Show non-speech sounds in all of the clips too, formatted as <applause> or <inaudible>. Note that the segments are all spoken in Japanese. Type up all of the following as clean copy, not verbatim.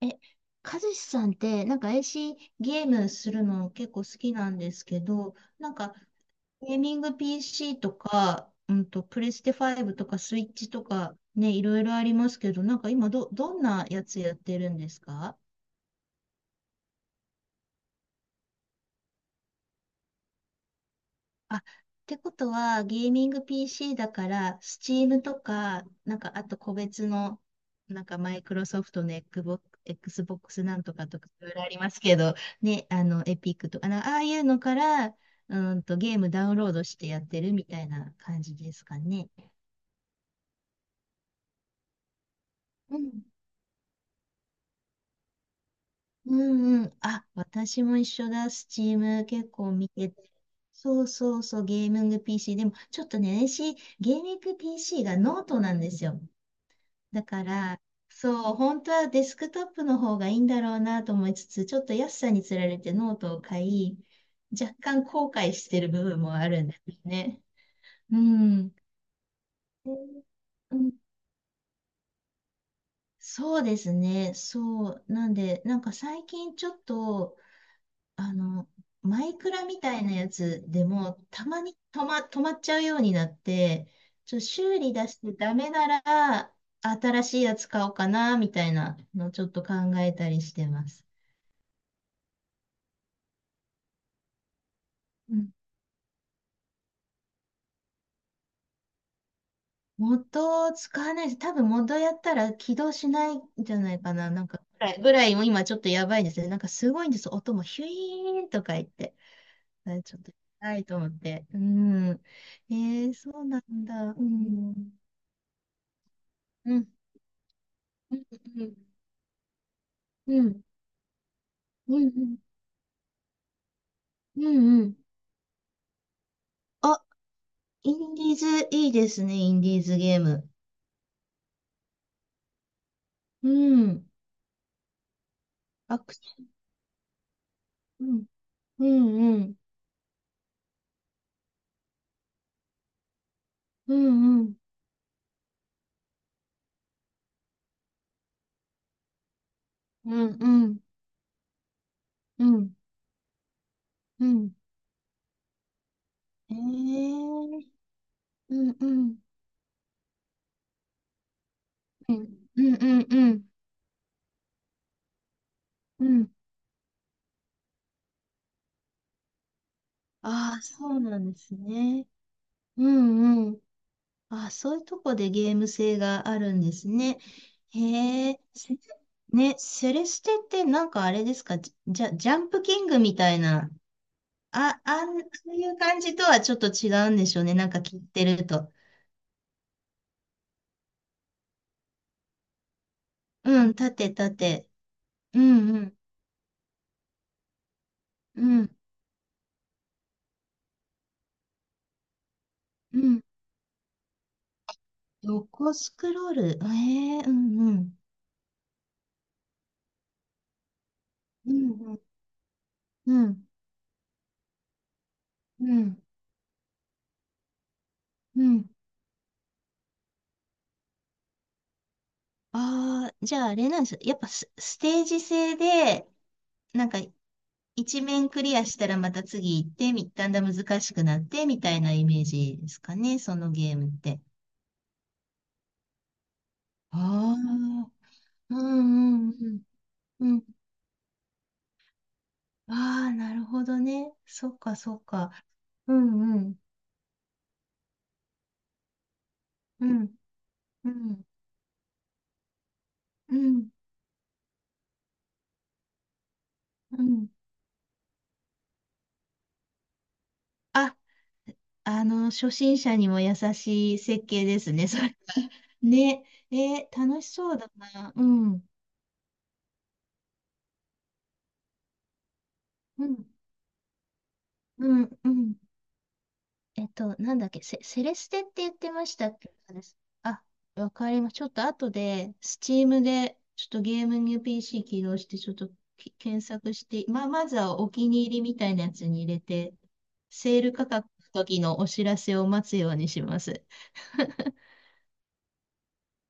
え、かずさんって、なんか AC ゲームするの結構好きなんですけど、なんかゲーミング PC とか、プレステ5とかスイッチとかね、いろいろありますけど、なんか今どんなやつやってるんですか？あ、ってことは、ゲーミング PC だから、Steam とか、なんか、あと個別の、なんか、マイクロソフトの Xbox なんとかとか、いろいろありますけど、ね、エピックとか、なああいうのから、ゲームダウンロードしてやってるみたいな感じですかね。うん。うんうん。あ、私も一緒だ。Steam 結構見てて。そうそうそう、ゲーミング PC。でも、ちょっとね、私、ゲーミング PC がノートなんですよ。だから、そう、本当はデスクトップの方がいいんだろうなと思いつつ、ちょっと安さにつられてノートを買い、若干後悔してる部分もあるんですね。うん。でうん、そうですね。そう。なんで、なんか最近ちょっとあの、マイクラみたいなやつでも、たまに止まっちゃうようになって、修理出してダメなら、新しいやつ買おうかな、みたいなのをちょっと考えたりしてます。うん。元を使わないし、多分元やったら起動しないんじゃないかな、なんか、ぐらいも今ちょっとやばいですね。なんかすごいんです。音もヒュイーンとか言って。あれちょっと、はいと思って。うん。そうなんだ。うん。うん。うんうんうん。うん、うん、うん、うん。あ、インディーズいいですね、インディーズゲーム。うん。アクション。うん、うん、うん、うん、うん、うん、うん、うん、うん。ええうん、うん、うん、うん、うん、うん。うんああ、そうなんですね。うん、うん。ああ、そういうとこでゲーム性があるんですね。へえ、ね、セレステってなんかあれですか、ジャンプキングみたいなそういう感じとはちょっと違うんでしょうね。なんか切ってると。うん、縦。うんうん、うん、うん。横スクロール。ええうんうん。うんうん、うん、うん、うん。ああー、じゃああれなんですよ。やっぱステージ制で、なんか一面クリアしたらまた次行って、だんだん難しくなって、みたいなイメージですかね。そのゲームって。ああ、うんうんうん。うんああ、なるほどね。そっか、そっか。うんうん。うん。うん。うん。うん。あ、初心者にも優しい設計ですね、それは。<laughs> ね。楽しそうだな。うん。うん。うん。うん。なんだっけ、セレステって言ってましたっけ？あ、わかります。ちょっと後で、スチームで、ちょっとゲームに PC 起動して、ちょっと検索して、まあ、まずはお気に入りみたいなやつに入れて、セール価格の時のお知らせを待つようにします。<laughs>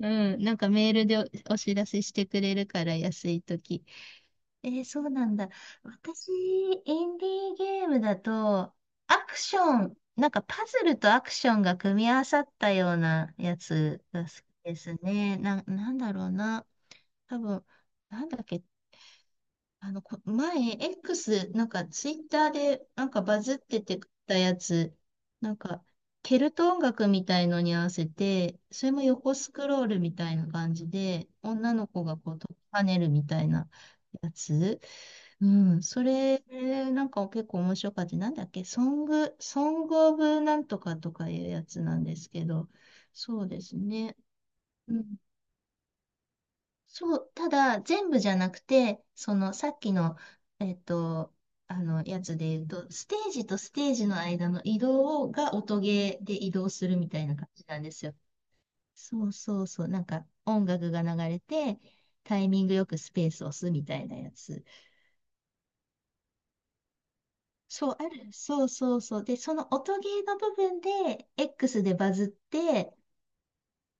うん、なんかメールでお知らせしてくれるから、安い時。そうなんだ。私、インディーゲームだと、アクション、なんかパズルとアクションが組み合わさったようなやつが好きですね。なんだろうな。多分、なんだっけ、こ前、X、なんかツイッターでなんかバズっててたやつ、なんか、ケルト音楽みたいのに合わせて、それも横スクロールみたいな感じで、女の子がこう、跳ねるみたいなやつ。うん、それ、なんか結構面白かった。なんだっけ、ソングオブなんとかとかいうやつなんですけど、そうですね。うん。そう、ただ、全部じゃなくて、その、さっきの、えっと、やつで言うと、ステージとステージの間の移動が音ゲーで移動するみたいな感じなんですよ。そうそうそう、なんか音楽が流れて、タイミングよくスペースを押すみたいなやつ。そう、ある。そうそうそう。で、その音ゲーの部分で、X でバズって、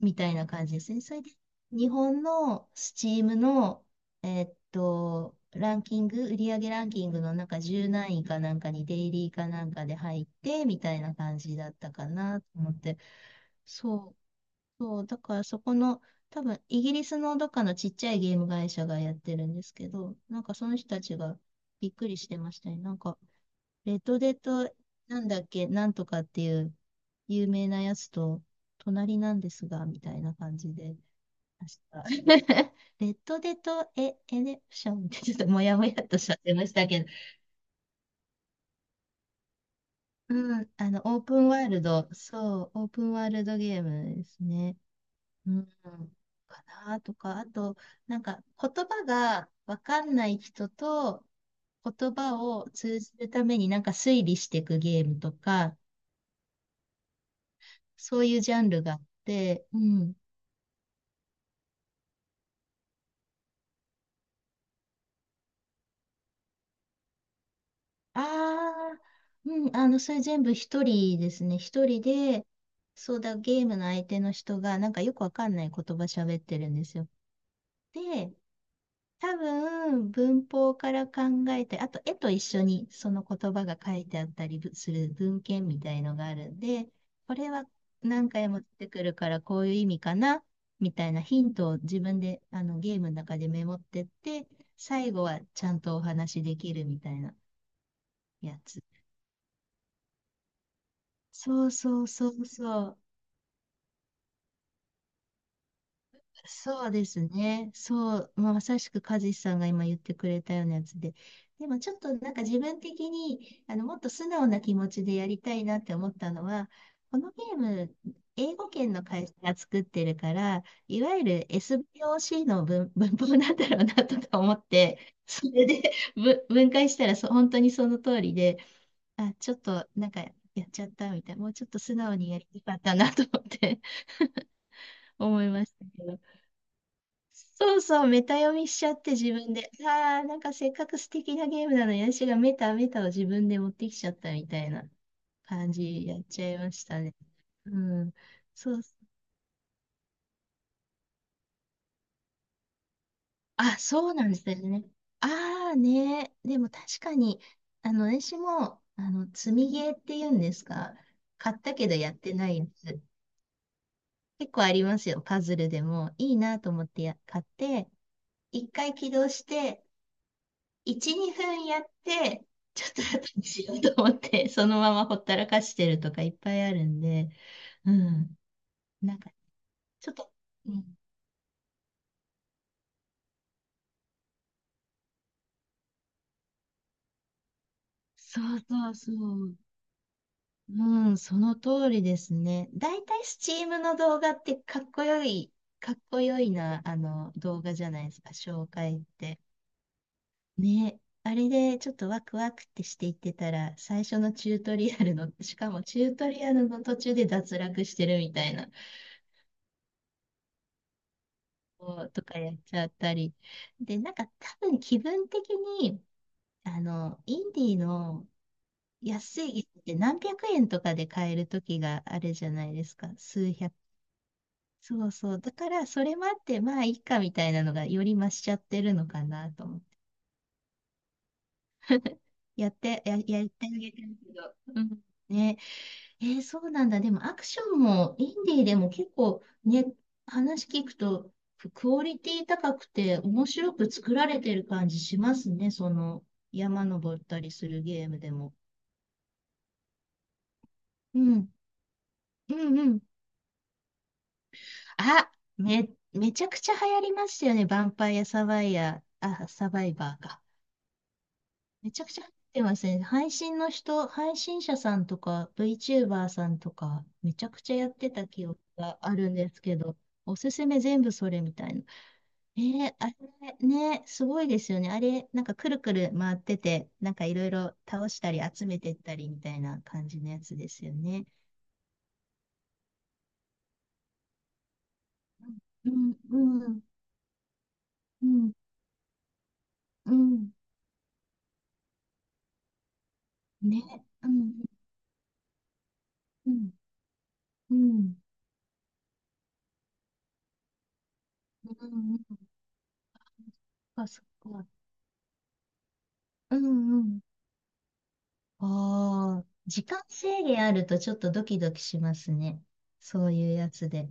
みたいな感じですね。それで、日本の Steam の、ランキング、売上ランキングのなんか10何位かなんかにデイリーかなんかで入って、みたいな感じだったかなと思って。そう、そう。だからそこの、多分、イギリスのどっかのちっちゃいゲーム会社がやってるんですけど、なんかその人たちがびっくりしてましたね。なんか、レッドデッドなんだっけ、なんとかっていう有名なやつと、隣なんですが、みたいな感じで、<laughs> ました <laughs> レッドデとエレプションってちょっともやもやっとしちゃってましたけど、うん、オープンワールド、そう、オープンワールドゲームですね。うん、かなとか、あと、なんか、言葉がわかんない人と、言葉を通じるためになんか推理していくゲームとか、そういうジャンルがあって、うん。ああ、うん、それ全部一人ですね。一人で、そうだ、ゲームの相手の人が、なんかよくわかんない言葉喋ってるんですよ。で、多分、文法から考えたり、あと絵と一緒にその言葉が書いてあったりする文献みたいのがあるんで、これは何回も出てくるからこういう意味かな、みたいなヒントを自分であのゲームの中でメモってって、最後はちゃんとお話しできるみたいなやつ。そうそうそうそう。そうですね。そう、まあまさしく和志さんが今言ってくれたようなやつで。でもちょっとなんか自分的にもっと素直な気持ちでやりたいなって思ったのは、このゲーム、英語圏の会社が作ってるから、いわゆる SBOC の<laughs> 文法なんだろうなとか思って、それで <laughs> 分解したら本当にその通りで、あ、ちょっとなんかやっちゃったみたいな、もうちょっと素直にやりたかったなと思って <laughs> 思いましたけど。そうそう、メタ読みしちゃって自分で。ああ、なんかせっかく素敵なゲームなのに、私がメタメタを自分で持ってきちゃったみたいな感じやっちゃいましたね。うん。そう。あ、そうなんですよね。ああね。でも確かに、私も、積みゲーっていうんですか。買ったけどやってないやつ。結構ありますよ。パズルでも。いいなと思って買って、一回起動して、1、2分やって、ちょっと後にしようと思って、<laughs> そのままほったらかしてるとかいっぱいあるんで、うん。なんか、ちょっと、うん。そうそうそう。うん、その通りですね。だいたいスチームの動画ってかっこよいな、動画じゃないですか、紹介って。ね。あれでちょっとワクワクってしていってたら、最初のチュートリアルの、しかもチュートリアルの途中で脱落してるみたいな。とかやっちゃったり。で、なんか多分気分的に、インディーの安い椅子って何百円とかで買える時があるじゃないですか。数百。そうそう。だからそれもあって、まあいいかみたいなのがより増しちゃってるのかなと思って。やってあげてるけど。うん。ねそうなんだ。でもアクションもインディーでも結構ね、話聞くとクオリティ高くて面白く作られてる感じしますね。その山登ったりするゲームでも。うん。うんうん。あ、めちゃくちゃ流行りましたよね。ヴァンパイアサバイヤー、あ、サバイバーか。めちゃくちゃ流行ってますね。配信の人、配信者さんとか VTuber さんとかめちゃくちゃやってた記憶があるんですけど。おすすめ全部それみたいな。ええあれね、すごいですよね。あれ、なんかくるくる回ってて、なんかいろいろ倒したり集めてったりみたいな感じのやつですよね。うん、うん、うん、うん、うんね、うん、うん、うん、うん、うんうんあ、そっか。うん、うん。ああ、時間制限あるとちょっとドキドキしますね。そういうやつで。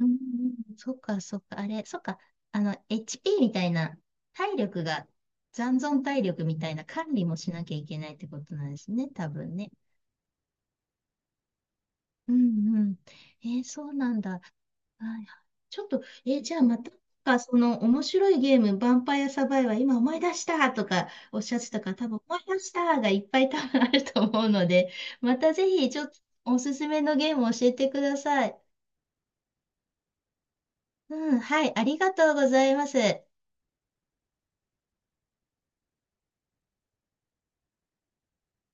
うんうんそっか、そっか、あれ、そっか、HP みたいな、体力が、残存体力みたいな管理もしなきゃいけないってことなんですね、多分ね。うんうん。そうなんだ。はいちょっと、じゃあまた、なんかその面白いゲーム、ヴァンパイアサバイバー、今思い出したとかおっしゃってたから、多分思い出したがいっぱい多分あると思うので、またぜひちょっとおすすめのゲームを教えてください。うん、はい、ありがとうございます。